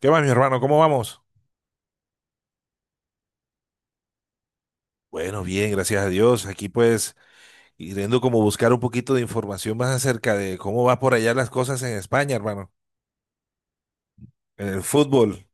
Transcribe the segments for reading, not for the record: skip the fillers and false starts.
¿Qué más, mi hermano? ¿Cómo vamos? Bueno, bien, gracias a Dios. Aquí pues yendo como buscar un poquito de información más acerca de cómo va por allá las cosas en España, hermano. En el fútbol.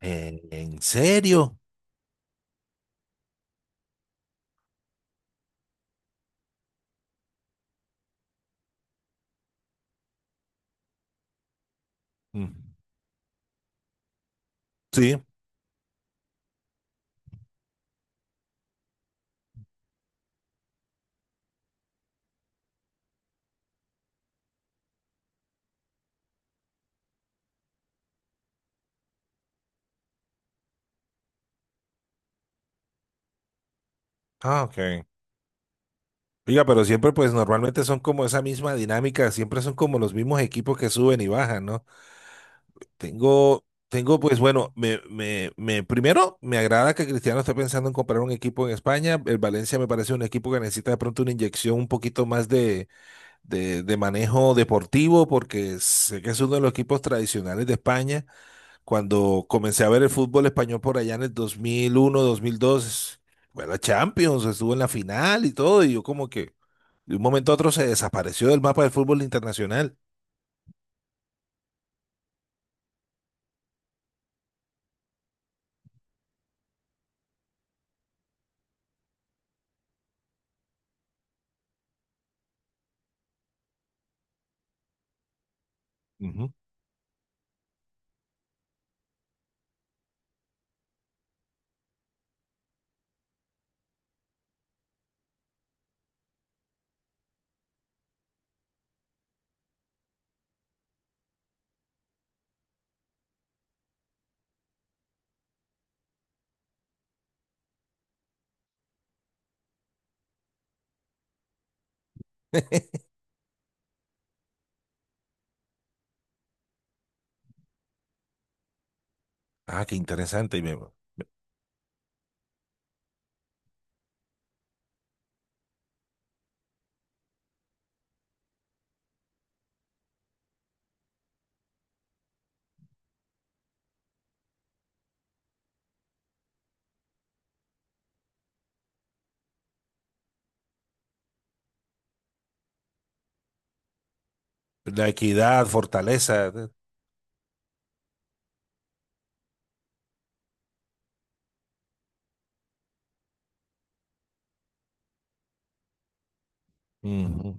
¿En serio? Mm, sí. Ah, ok. Oiga, pero siempre pues normalmente son como esa misma dinámica, siempre son como los mismos equipos que suben y bajan, ¿no? Tengo, pues bueno, primero me agrada que Cristiano esté pensando en comprar un equipo en España. El Valencia me parece un equipo que necesita de pronto una inyección un poquito más de de manejo deportivo, porque sé que es uno de los equipos tradicionales de España. Cuando comencé a ver el fútbol español por allá en el 2001, 2002, fue la Champions, estuvo en la final y todo, y yo como que de un momento a otro se desapareció del mapa del fútbol internacional. Ujú. Ah, qué interesante. La equidad, fortaleza. Ujú.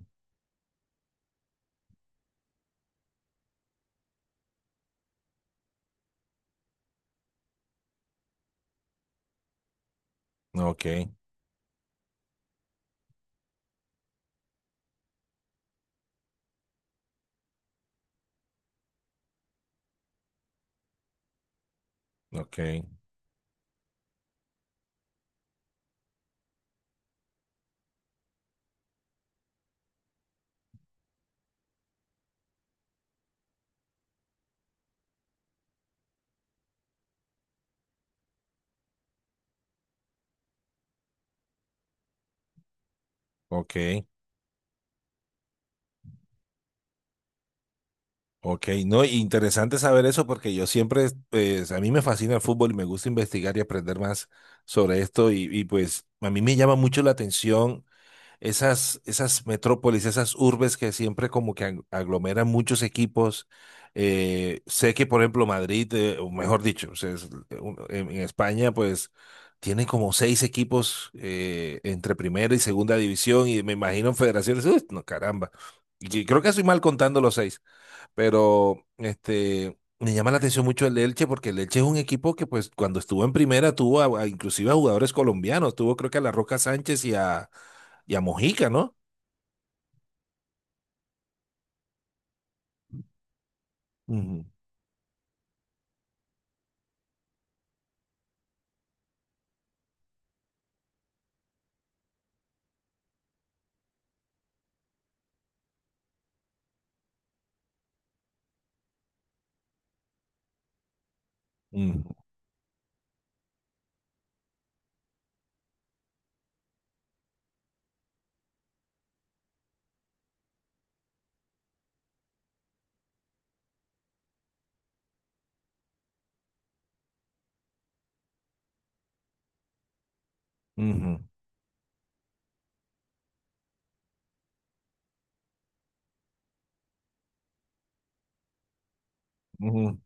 Ok, ok, ok. Ok, no, interesante saber eso porque yo siempre, pues, a mí me fascina el fútbol y me gusta investigar y aprender más sobre esto y, pues a mí me llama mucho la atención esas metrópolis, esas urbes que siempre como que aglomeran muchos equipos. Sé que por ejemplo Madrid, o mejor dicho, o sea, es en España pues tiene como seis equipos entre primera y segunda división y me imagino en federaciones, uy, no caramba, y creo que estoy mal contando los seis. Pero este, me llama la atención mucho el Elche porque el Elche es un equipo que pues cuando estuvo en primera tuvo inclusive a jugadores colombianos, tuvo creo que a La Roca Sánchez y a Mojica, ¿no? Ujú, ujú, ujú, ujú,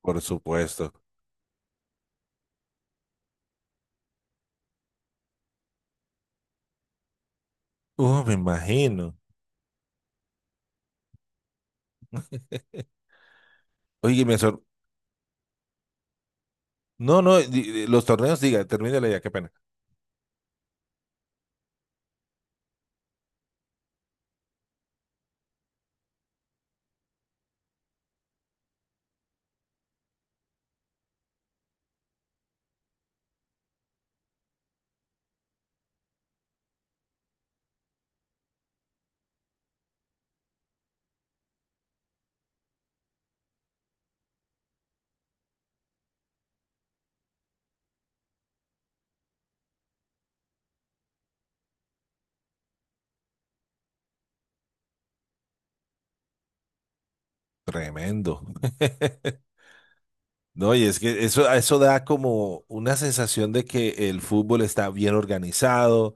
por supuesto. Me imagino. Oye, me sor... No, no, los torneos, diga, termínale ya, qué pena. Tremendo. No, y es que eso da como una sensación de que el fútbol está bien organizado,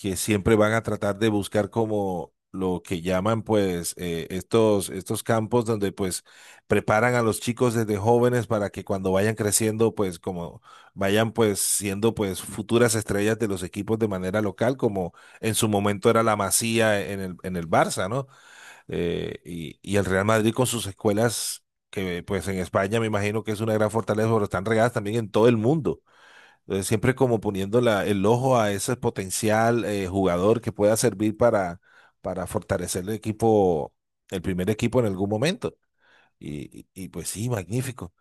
que siempre van a tratar de buscar como lo que llaman pues estos campos donde pues preparan a los chicos desde jóvenes para que cuando vayan creciendo pues como vayan pues siendo pues futuras estrellas de los equipos de manera local, como en su momento era la Masía en en el Barça, ¿no? Y el Real Madrid con sus escuelas, que pues en España me imagino que es una gran fortaleza, pero están regadas también en todo el mundo. Entonces, siempre como poniendo el ojo a ese potencial jugador que pueda servir para fortalecer el equipo, el primer equipo en algún momento. Pues sí, magnífico.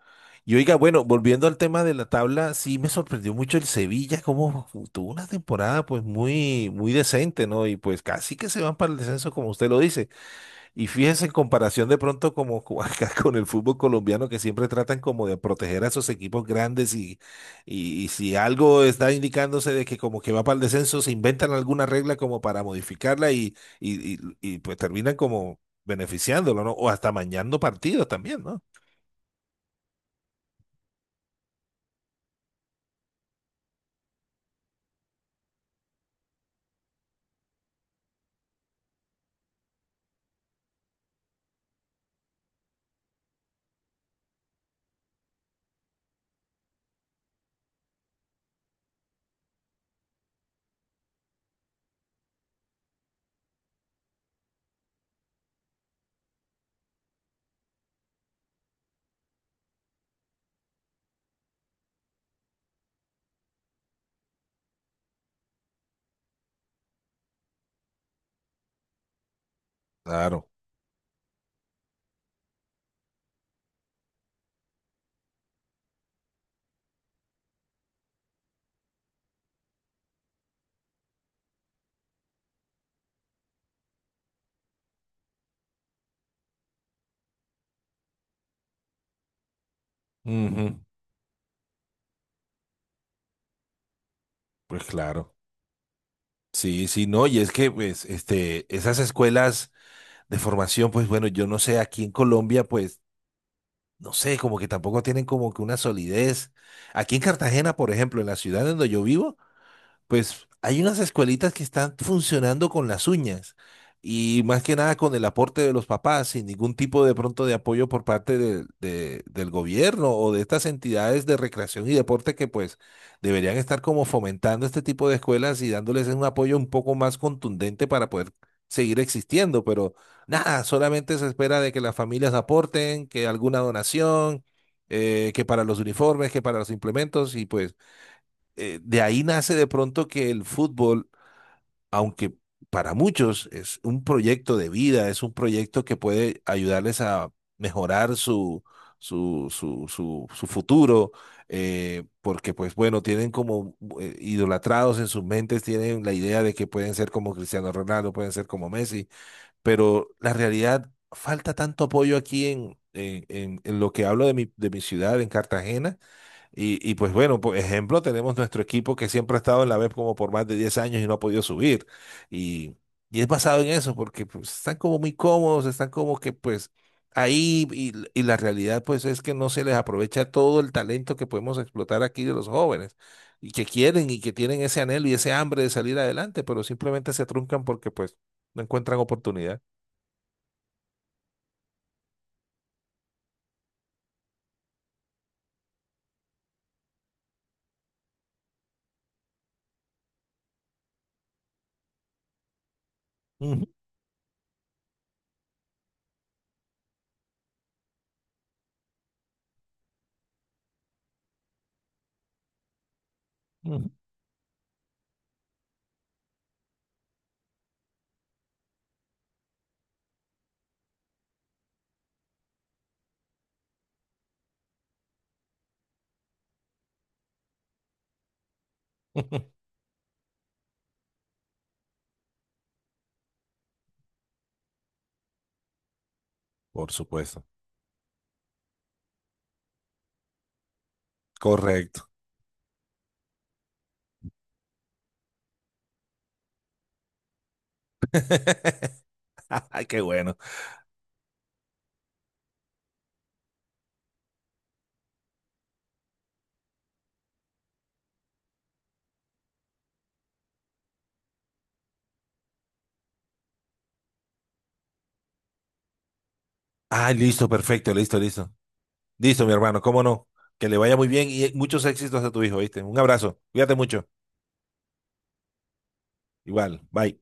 Y oiga, bueno, volviendo al tema de la tabla, sí me sorprendió mucho el Sevilla, como tuvo una temporada pues muy, muy decente, ¿no? Y pues casi que se van para el descenso, como usted lo dice. Y fíjese en comparación de pronto como acá con el fútbol colombiano que siempre tratan como de proteger a esos equipos grandes y si algo está indicándose de que como que va para el descenso, se inventan alguna regla como para modificarla y, pues terminan como beneficiándolo, ¿no? O hasta mañando partidos también, ¿no? Claro. Ujú. Pues claro. Sí, sí, no, y es que pues este, esas escuelas de formación, pues bueno, yo no sé, aquí en Colombia, pues no sé, como que tampoco tienen como que una solidez. Aquí en Cartagena, por ejemplo, en la ciudad donde yo vivo, pues hay unas escuelitas que están funcionando con las uñas y más que nada con el aporte de los papás, sin ningún tipo de pronto de apoyo por parte del gobierno o de estas entidades de recreación y deporte que pues deberían estar como fomentando este tipo de escuelas y dándoles un apoyo un poco más contundente para poder seguir existiendo, pero nada, solamente se espera de que las familias aporten, que alguna donación, que para los uniformes, que para los implementos y pues de ahí nace de pronto que el fútbol, aunque para muchos es un proyecto de vida, es un proyecto que puede ayudarles a mejorar su, su futuro, porque pues bueno, tienen como idolatrados en sus mentes, tienen la idea de que pueden ser como Cristiano Ronaldo, pueden ser como Messi, pero la realidad, falta tanto apoyo aquí en lo que hablo de mi ciudad, en Cartagena y pues bueno, por ejemplo, tenemos nuestro equipo que siempre ha estado en la web como por más de 10 años y no ha podido subir. Y, y es basado en eso, porque pues, están como muy cómodos, están como que pues ahí y la realidad pues es que no se les aprovecha todo el talento que podemos explotar aquí de los jóvenes y que quieren y que tienen ese anhelo y ese hambre de salir adelante, pero simplemente se truncan porque pues no encuentran oportunidad. Ujú, ujú. Por supuesto. Correcto. Ay, qué bueno. Ah, listo, perfecto, listo, listo. Listo, mi hermano, cómo no. Que le vaya muy bien y muchos éxitos a tu hijo, ¿viste? Un abrazo. Cuídate mucho. Igual, bye.